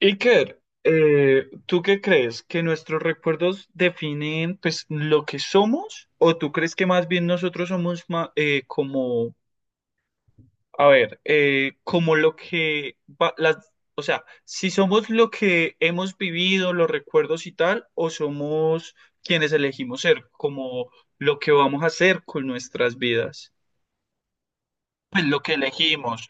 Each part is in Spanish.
Iker, ¿tú qué crees? ¿Que nuestros recuerdos definen pues lo que somos? ¿O tú crees que más bien nosotros somos como, a ver, como lo que las, o sea, si somos lo que hemos vivido, los recuerdos y tal, o somos quienes elegimos ser, como lo que vamos a hacer con nuestras vidas? Pues lo que elegimos.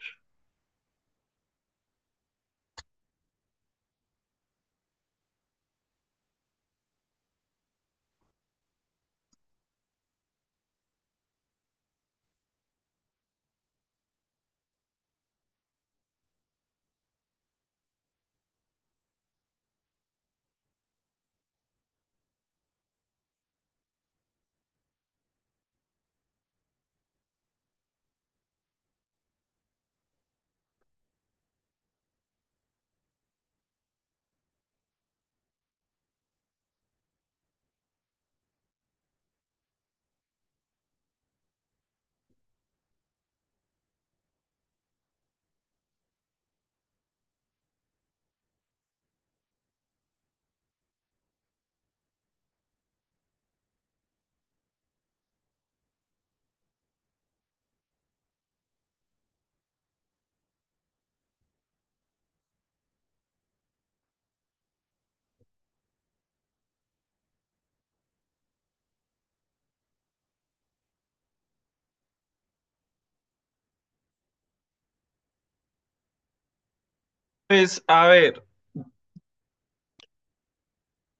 Pues a ver,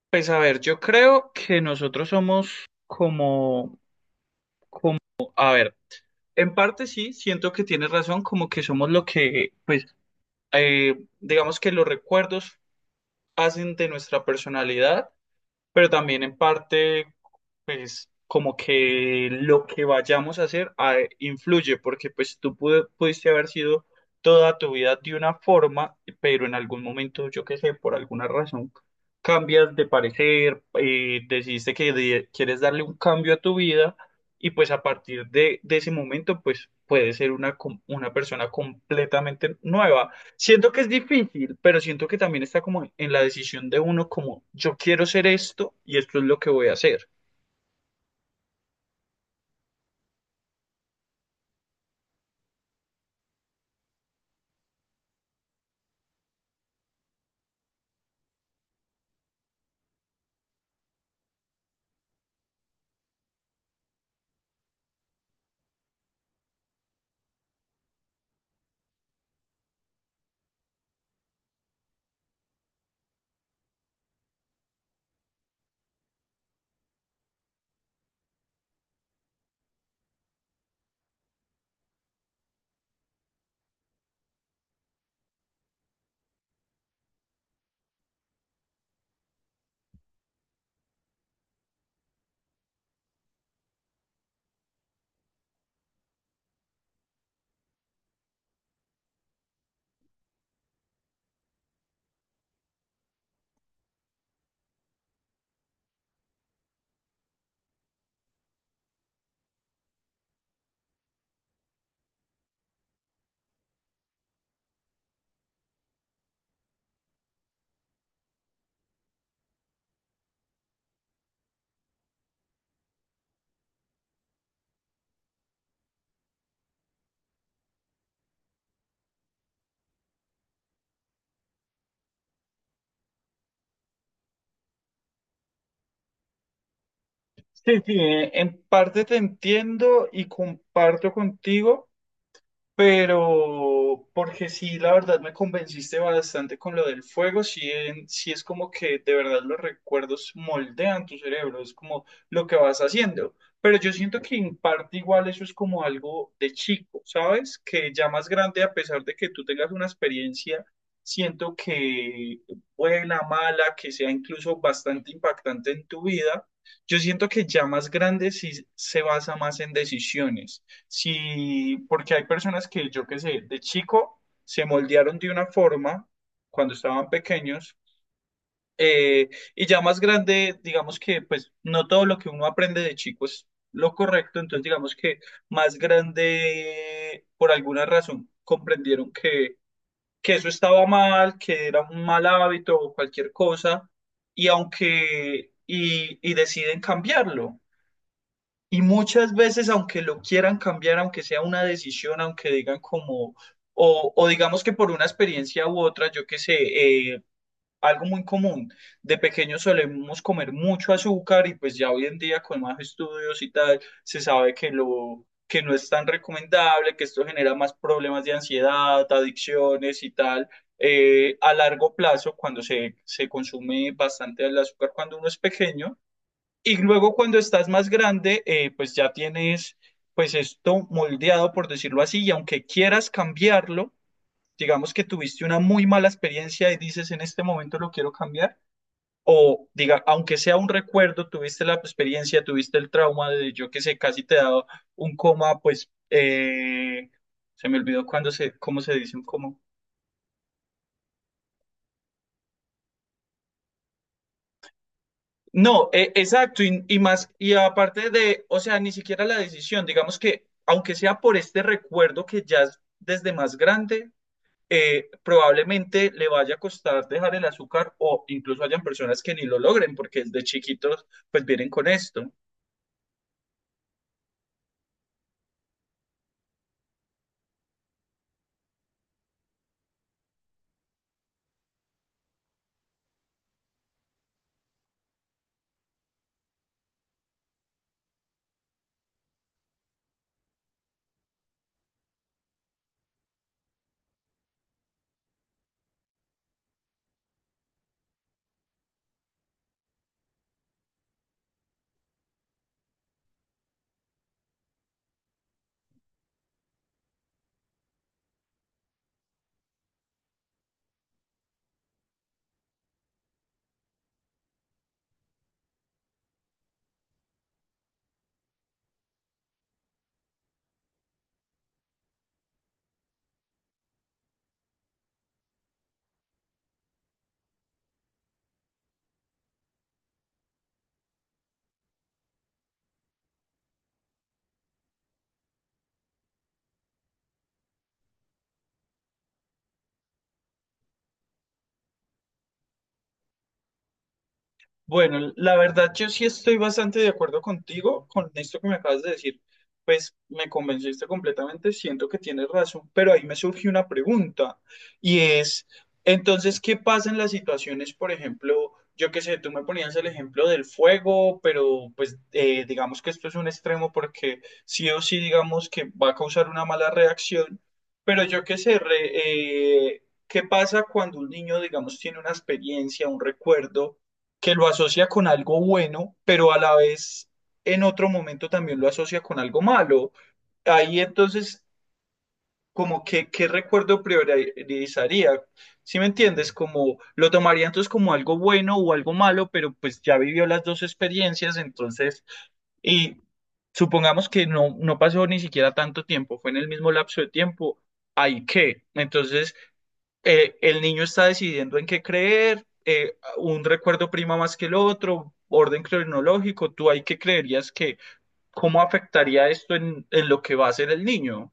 pues a ver, yo creo que nosotros somos como como, a ver, en parte sí, siento que tienes razón, como que somos lo que, pues, digamos que los recuerdos hacen de nuestra personalidad, pero también en parte pues como que lo que vayamos a hacer ah, influye, porque pues tú pudiste haber sido toda tu vida de una forma, pero en algún momento, yo qué sé, por alguna razón, cambias de parecer, decidiste que quieres darle un cambio a tu vida y pues a partir de ese momento, pues puedes ser una, una persona completamente nueva. Siento que es difícil, pero siento que también está como en la decisión de uno, como yo quiero ser esto y esto es lo que voy a hacer. Sí, sí, en parte te entiendo y comparto contigo. Pero, porque sí, la verdad me convenciste bastante con lo del fuego, sí, sí es como que de verdad los recuerdos moldean tu cerebro, es como lo que vas haciendo. Pero yo siento que en parte igual eso es como algo de chico, ¿sabes? Que ya más grande, a pesar de que tú tengas una experiencia, siento que buena, mala, que sea incluso bastante impactante en tu vida, yo siento que ya más grande sí se basa más en decisiones. Sí, porque hay personas que, yo qué sé, de chico se moldearon de una forma cuando estaban pequeños, eh, y ya más grande, digamos que pues no todo lo que uno aprende de chico es lo correcto, entonces digamos que más grande por alguna razón comprendieron que eso estaba mal, que era un mal hábito o cualquier cosa y y deciden cambiarlo. Y muchas veces, aunque lo quieran cambiar, aunque sea una decisión, aunque digan como, o digamos que por una experiencia u otra, yo qué sé, eh, algo muy común, de pequeños solemos comer mucho azúcar y pues ya hoy en día con más estudios y tal, se sabe que lo, que no es tan recomendable, que esto genera más problemas de ansiedad, adicciones y tal. A largo plazo, cuando se consume bastante el azúcar cuando uno es pequeño. Y luego cuando estás más grande, pues ya tienes pues esto moldeado, por decirlo así, y aunque quieras cambiarlo, digamos que tuviste una muy mala experiencia y dices en este momento lo quiero cambiar, o diga, aunque sea un recuerdo, tuviste la experiencia, tuviste el trauma de yo que sé, casi te da un coma, pues se me olvidó cuando cómo se dice un coma. No, exacto, y más, y aparte de, o sea, ni siquiera la decisión, digamos que, aunque sea por este recuerdo que ya es desde más grande, probablemente le vaya a costar dejar el azúcar o incluso hayan personas que ni lo logren porque desde chiquitos pues vienen con esto. Bueno, la verdad yo sí estoy bastante de acuerdo contigo con esto que me acabas de decir. Pues me convenciste completamente, siento que tienes razón, pero ahí me surge una pregunta y es, entonces, ¿qué pasa en las situaciones, por ejemplo, yo qué sé, tú me ponías el ejemplo del fuego, pero pues digamos que esto es un extremo porque sí o sí digamos que va a causar una mala reacción, pero yo qué sé, ¿qué pasa cuando un niño, digamos, tiene una experiencia, un recuerdo que lo asocia con algo bueno, pero a la vez en otro momento también lo asocia con algo malo? Ahí entonces, como que, ¿qué recuerdo priorizaría? ¿Si me entiendes? Como lo tomaría entonces, ¿como algo bueno o algo malo? Pero pues ya vivió las dos experiencias, entonces, y supongamos que no pasó ni siquiera tanto tiempo, fue en el mismo lapso de tiempo. Hay que. Entonces, el niño está decidiendo en qué creer, un recuerdo prima más que el otro, orden cronológico, ¿tú ahí qué creerías que, cómo afectaría esto en lo que va a hacer el niño?